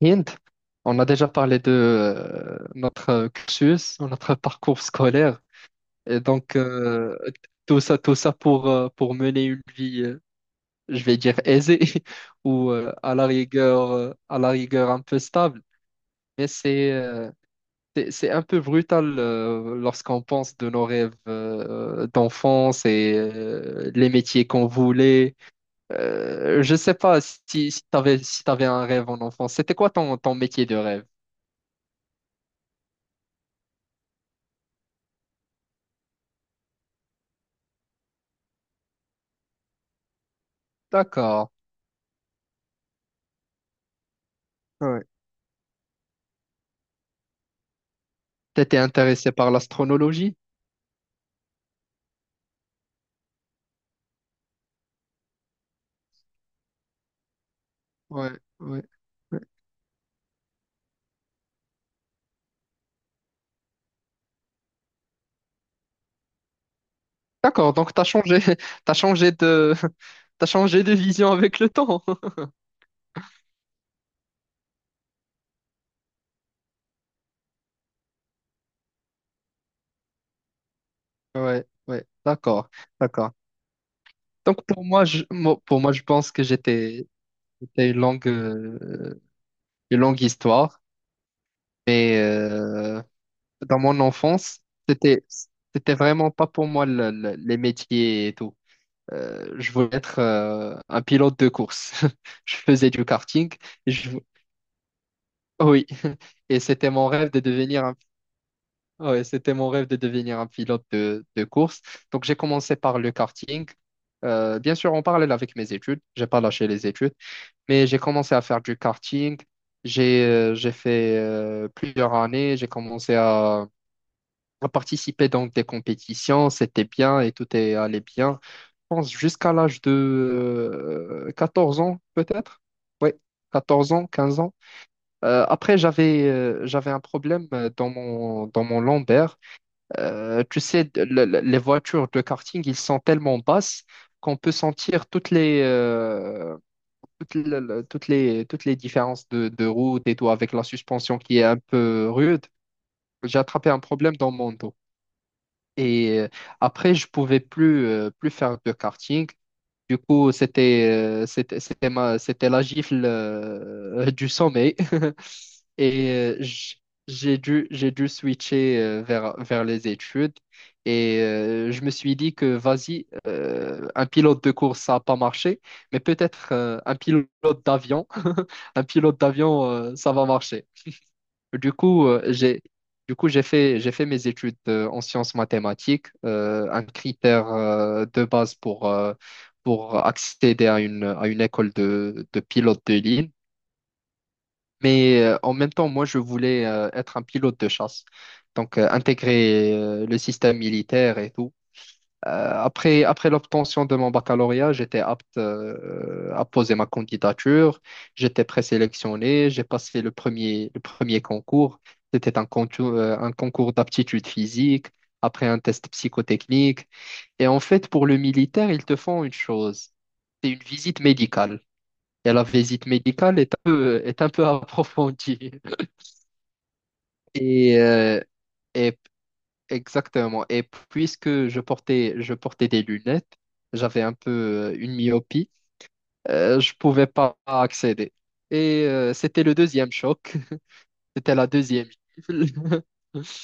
Hind, on a déjà parlé de notre cursus, notre parcours scolaire, et tout ça pour mener une vie, je vais dire aisée, ou à la rigueur un peu stable. Mais c'est un peu brutal lorsqu'on pense de nos rêves d'enfance et les métiers qu'on voulait. Je sais pas si, si tu avais, si t'avais un rêve en enfance. C'était quoi ton métier de rêve? D'accord. Ouais, t'étais intéressé par l'astronologie? Ouais, ouais. D'accord, donc t'as changé, t'as changé de, t'as changé de vision avec le temps. Ouais, ouais, d'accord, d'accord. Donc pour moi, pour moi, je pense que c'était une longue histoire. Mais dans mon enfance, c'était, c'était vraiment pas pour moi les métiers et tout. Je voulais être un pilote de course. Je faisais du karting. Je Oui, et c'était mon rêve de devenir ouais, c'était mon rêve de devenir un pilote de course. Donc j'ai commencé par le karting. Bien sûr, en parallèle avec mes études, j'ai pas lâché les études, mais j'ai commencé à faire du karting. J'ai fait plusieurs années. À participer dans des compétitions. C'était bien et tout est allé bien. Je pense jusqu'à l'âge de 14 ans peut-être. Oui, 14 ans, 15 ans. Après, j'avais un problème dans dans mon lambert. Tu sais, les voitures de karting, ils sont tellement basses qu'on peut sentir toutes les, toutes, toutes toutes les différences de route et tout avec la suspension qui est un peu rude. J'ai attrapé un problème dans mon dos. Et après, je pouvais plus, plus faire de karting. Du coup, c'était la gifle du sommeil. Et j'ai dû switcher vers les études. Et je me suis dit que, vas-y, un pilote de course, ça n'a pas marché, mais peut-être un pilote d'avion, un pilote d'avion, ça va marcher. Du coup, j'ai fait mes études en sciences mathématiques, un critère de base pour accéder à une école de pilote de ligne. Mais en même temps, moi je voulais être un pilote de chasse, donc intégrer le système militaire et tout. Après l'obtention de mon baccalauréat, j'étais apte à poser ma candidature. J'étais présélectionné. J'ai passé le premier concours. C'était un concours d'aptitude physique, après un test psychotechnique. Et en fait, pour le militaire, ils te font une chose. C'est une visite médicale. Et la visite médicale est un peu approfondie. Et, euh, et Exactement. Et je portais des lunettes, j'avais un peu une myopie, je pouvais pas accéder. Et c'était le deuxième choc, c'était la deuxième gifle.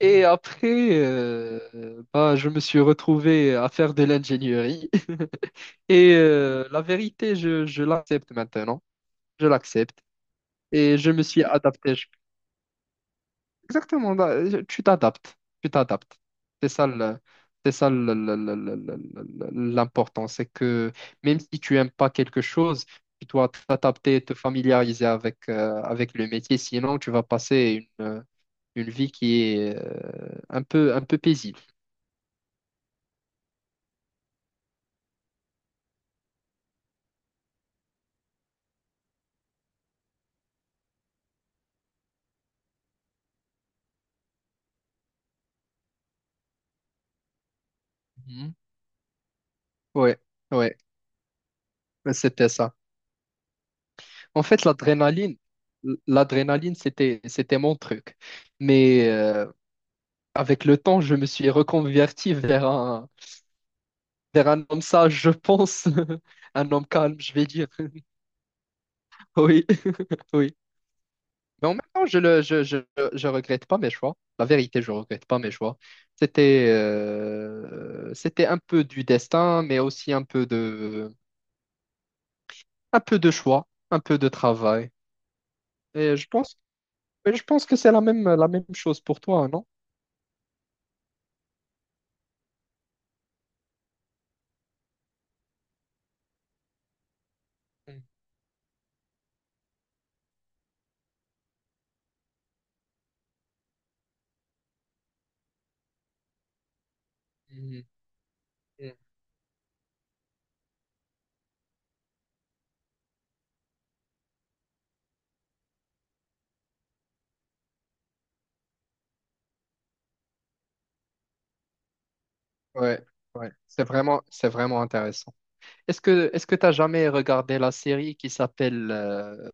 Et après, bah, je me suis retrouvé à faire de l'ingénierie. Et la vérité, je l'accepte maintenant. Je l'accepte. Et je me suis adapté. Exactement, bah, tu t'adaptes, tu t'adaptes. C'est ça le- c'est ça l'important, c'est que même si tu aimes pas quelque chose, tu dois t'adapter, te familiariser avec, avec le métier, sinon tu vas passer une vie qui est un peu paisible. Mhm. Ouais, ouais, c'était ça. En fait, l'adrénaline, c'était mon truc. Mais avec le temps, je me suis reconverti vers un vers un homme sage, je pense. Un homme calme, je vais dire. Oui, oui. Mais en même temps, je le, je regrette pas mes choix. La vérité, je regrette pas mes choix. C'était un peu du destin, mais aussi un peu un peu de choix, un peu de travail. Et je pense, mais je pense que c'est la même chose pour toi, non? Mhm. Ouais, ouais. C'est vraiment intéressant. Est-ce que t'as jamais regardé la série qui s'appelle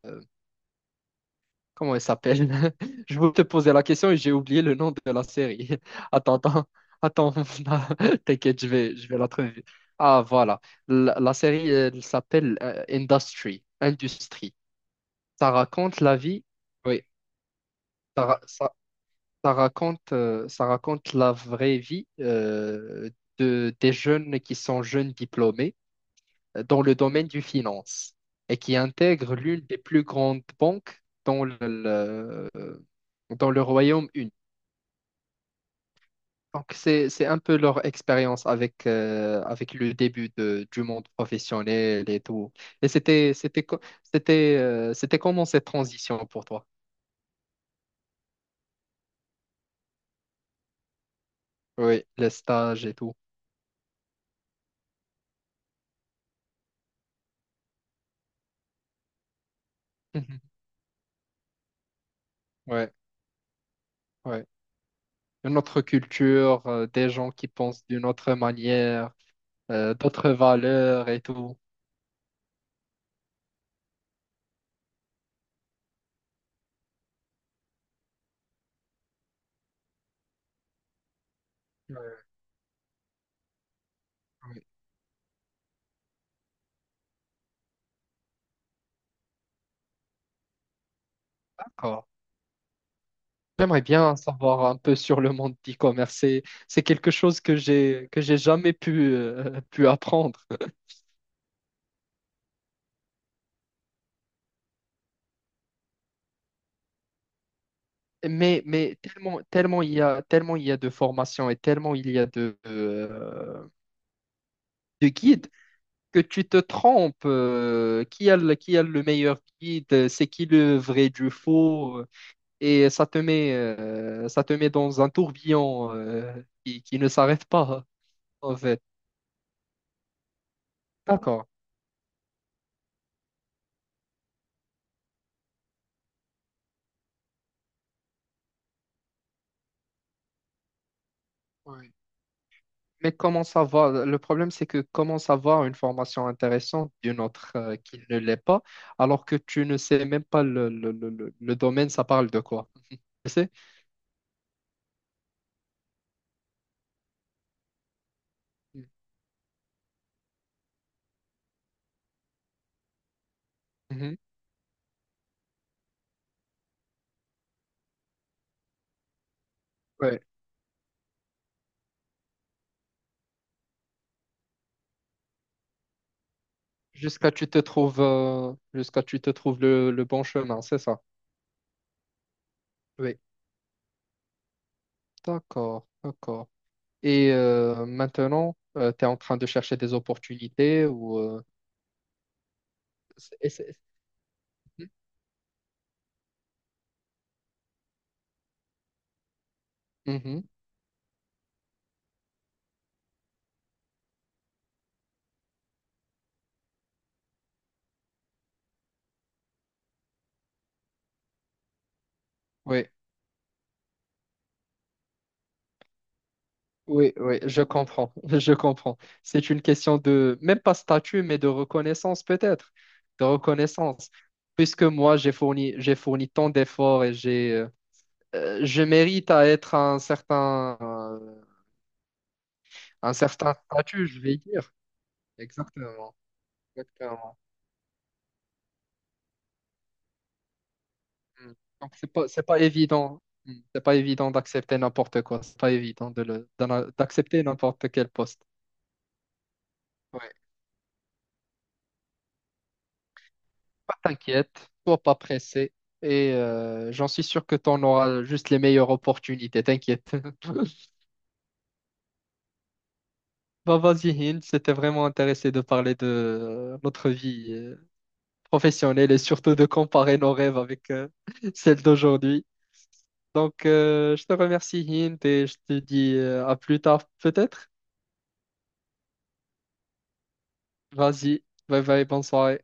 comment elle s'appelle? Je voulais te poser la question et j'ai oublié le nom de la série. Attends, attends, attends, non, t'inquiète, je vais la trouver. Ah, voilà. La série, elle s'appelle Industry, Industrie. Ça raconte la vie, oui, ça, ra- ça- ça raconte, la vraie vie de, des jeunes qui sont jeunes diplômés dans le domaine du finance et qui intègre l'une des plus grandes banques dans dans le Royaume-Uni. Donc, c'est un peu leur expérience avec, avec le début du monde professionnel et tout. Et c'était comment cette transition pour toi? Oui, les stages et tout. Mhm. Ouais, ouais. Une autre culture, des gens qui pensent d'une autre manière, d'autres valeurs et tout. Ouais, ouais. D'accord. J'aimerais bien savoir un peu sur le monde d'e-commerce. C'est quelque chose que j'ai jamais pu pu apprendre. Tellement tellement il y a de formations et tellement il y a de guides que tu te trompes. Euh, qui a le meilleur guide? C'est qui le vrai du faux? Euh, et ça te met dans un tourbillon qui ne s'arrête pas en fait. D'accord. Ouais. Mais comment savoir? Le problème, c'est que comment savoir une formation intéressante d'une autre qui ne l'est pas, alors que tu ne sais même pas le domaine, ça parle de quoi? Tu sais? Mhm. Ouais. Jusqu'à tu te trouves le bon chemin, c'est ça? Oui. D'accord, d'accord. Et maintenant, tu es en train de chercher des opportunités ou... c'est- c'est- Mhm. Mhm. Oui, oui, je comprends, je comprends. C'est une question de, même pas statut, mais de reconnaissance peut-être, de reconnaissance. Puisque moi, j'ai fourni tant d'efforts et j'ai, je mérite à être un certain statut, je vais dire. Exactement, exactement. Mm. Donc, c'est pas évident. Mm. C'est pas évident d'accepter n'importe quoi. C'est pas évident de d'accepter n'importe quel poste. Ouais. Pas t'inquiète, sois pas pressé et j'en suis sûr que tu en auras juste les meilleures opportunités, t'inquiète. Bah vas-y Hind, c'était vraiment intéressé de parler de notre vie professionnelle et surtout de comparer nos rêves avec celles d'aujourd'hui. Donc je te remercie Hind et je te dis à plus tard peut-être. Vas-y, bye bye, bonne soirée.